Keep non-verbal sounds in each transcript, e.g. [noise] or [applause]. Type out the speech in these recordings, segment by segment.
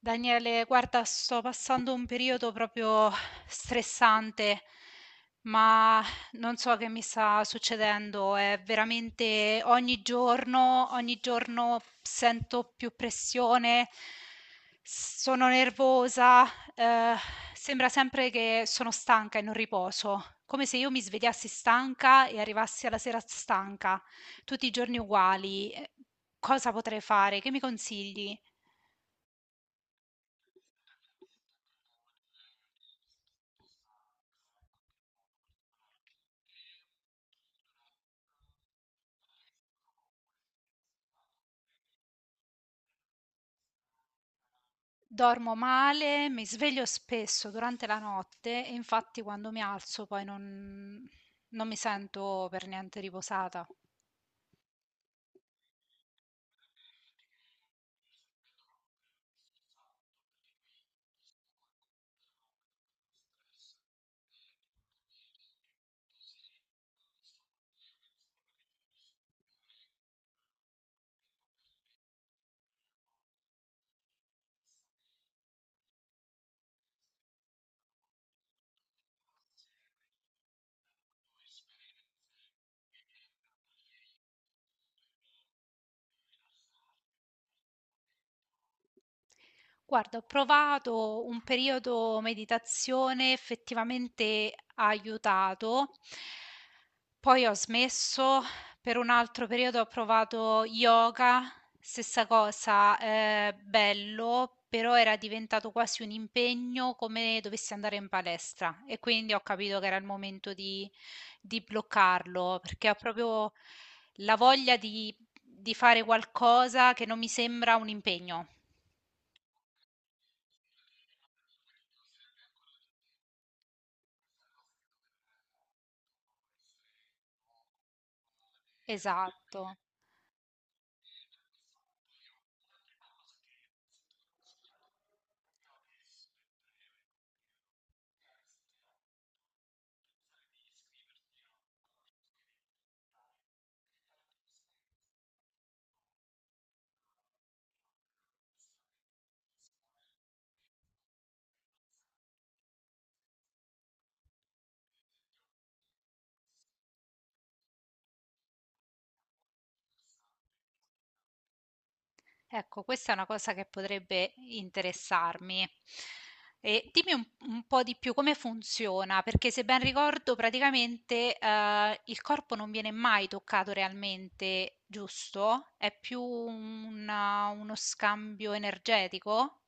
Daniele, guarda, sto passando un periodo proprio stressante, ma non so che mi sta succedendo. È veramente ogni giorno sento più pressione, sono nervosa, eh, sembra sempre che sono stanca e non riposo, come se io mi svegliassi stanca e arrivassi alla sera stanca, tutti i giorni uguali. Cosa potrei fare? Che mi consigli? Dormo male, mi sveglio spesso durante la notte e infatti quando mi alzo poi non mi sento per niente riposata. Guarda, ho provato un periodo meditazione, effettivamente ha aiutato. Poi ho smesso, per un altro periodo ho provato yoga, stessa cosa, bello, però era diventato quasi un impegno come dovessi andare in palestra e quindi ho capito che era il momento di bloccarlo, perché ho proprio la voglia di fare qualcosa che non mi sembra un impegno. Esatto. Ecco, questa è una cosa che potrebbe interessarmi. E dimmi un po' di più come funziona, perché se ben ricordo, praticamente il corpo non viene mai toccato realmente, giusto? È più uno scambio energetico?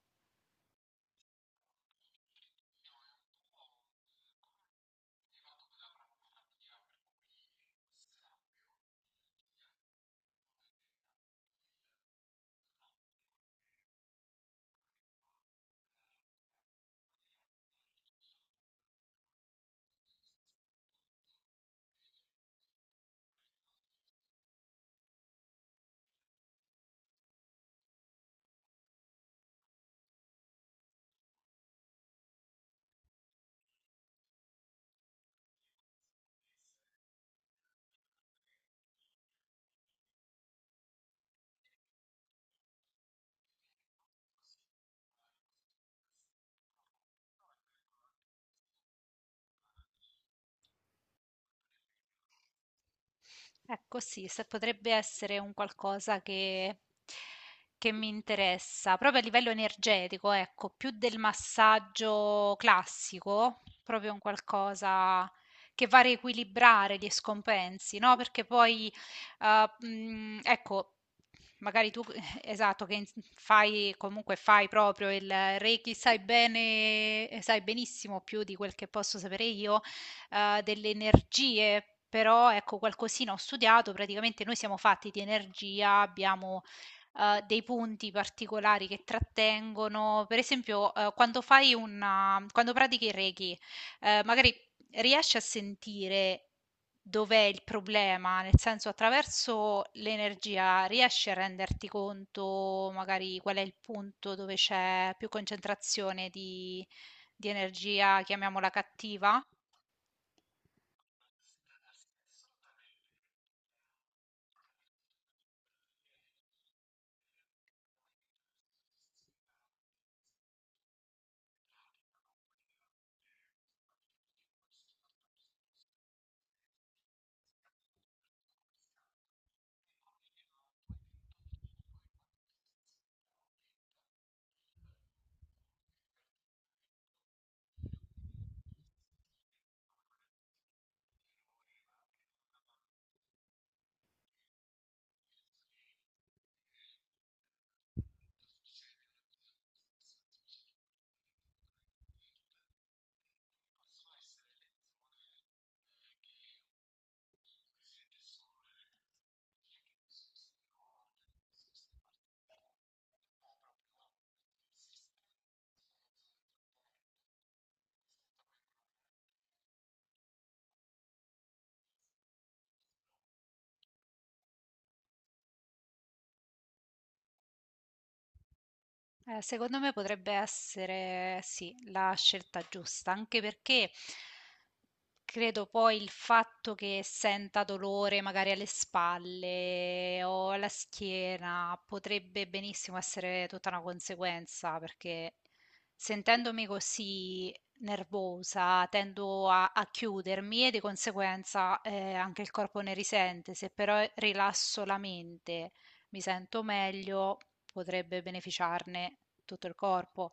Ecco sì, se potrebbe essere un qualcosa che mi interessa, proprio a livello energetico, ecco, più del massaggio classico, proprio un qualcosa che va a riequilibrare gli scompensi, no? Perché poi, ecco, magari tu, [laughs] esatto, fai, comunque fai proprio il Reiki, sai bene, sai benissimo più di quel che posso sapere io delle energie, però ecco qualcosina ho studiato, praticamente noi siamo fatti di energia, abbiamo, dei punti particolari che trattengono per esempio, quando fai una quando pratichi il Reiki, magari riesci a sentire dov'è il problema, nel senso attraverso l'energia riesci a renderti conto magari qual è il punto dove c'è più concentrazione di energia, chiamiamola cattiva? Secondo me potrebbe essere sì, la scelta giusta, anche perché credo poi il fatto che senta dolore magari alle spalle o alla schiena potrebbe benissimo essere tutta una conseguenza, perché sentendomi così nervosa tendo a chiudermi e di conseguenza anche il corpo ne risente. Se però rilasso la mente mi sento meglio, potrebbe beneficiarne tutto il corpo.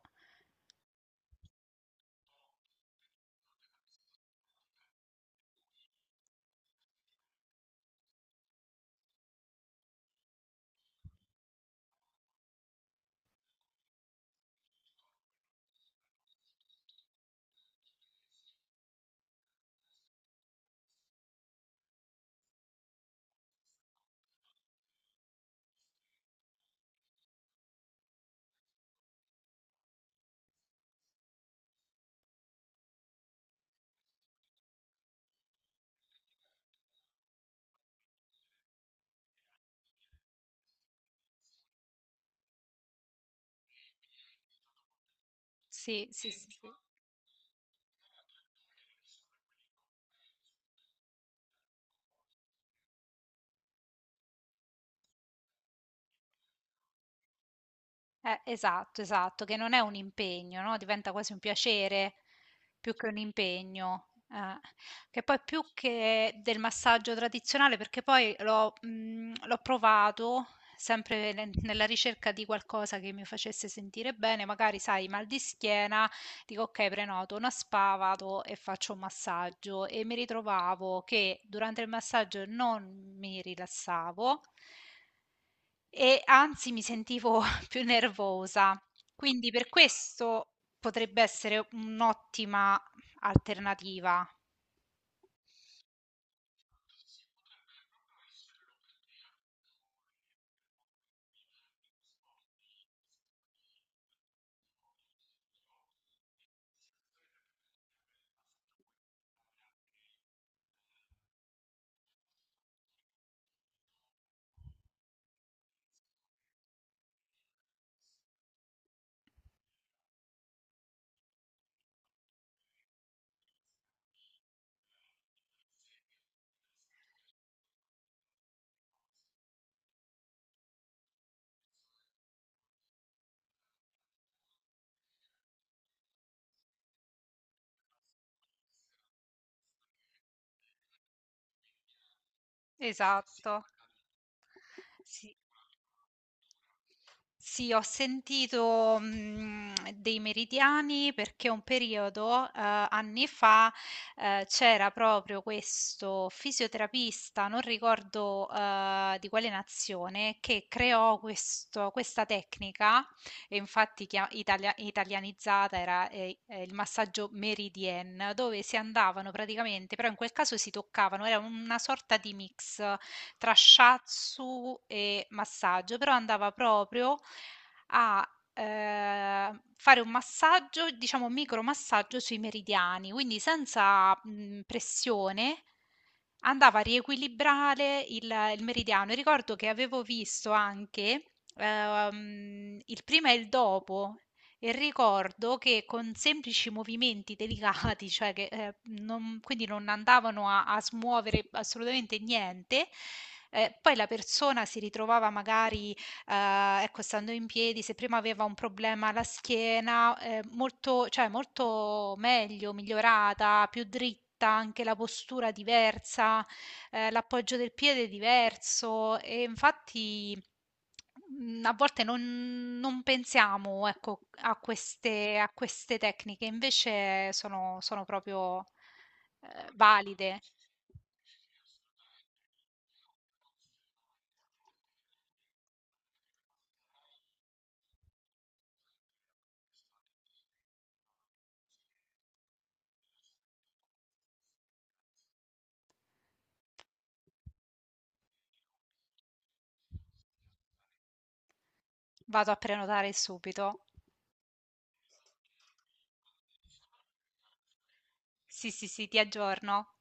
Sì, sì, sì, sì. Esatto, esatto, che non è un impegno, no? Diventa quasi un piacere più che un impegno. Eh. Che poi più che del massaggio tradizionale, perché poi l'ho provato sempre nella ricerca di qualcosa che mi facesse sentire bene, magari sai, mal di schiena. Dico: "Okay, prenoto una spa, vado e faccio un massaggio" e mi ritrovavo che durante il massaggio non mi rilassavo e anzi mi sentivo [laughs] più nervosa. Quindi per questo potrebbe essere un'ottima alternativa. Sì. Esatto. Sì. Sì, ho sentito, dei meridiani perché un periodo, anni fa, c'era proprio questo fisioterapista, non ricordo, di quale nazione, che creò questo questa tecnica e infatti chia italia italianizzata era, il massaggio meridien, dove si andavano praticamente, però in quel caso si toccavano, era una sorta di mix tra shiatsu e massaggio, però andava proprio a fare un massaggio, diciamo micromassaggio sui meridiani, quindi senza pressione andava a riequilibrare il meridiano. E ricordo che avevo visto anche il prima e il dopo e ricordo che con semplici movimenti delicati, [laughs] cioè che, non quindi non andavano a smuovere assolutamente niente, poi la persona si ritrovava magari, ecco, stando in piedi, se prima aveva un problema alla schiena, molto cioè molto meglio, migliorata, più dritta, anche la postura diversa, l'appoggio del piede è diverso e infatti, mhmm, a volte non pensiamo, ecco, a queste tecniche, invece sono proprio, valide. Vado a prenotare subito. Sì, sì, sì, ti aggiorno.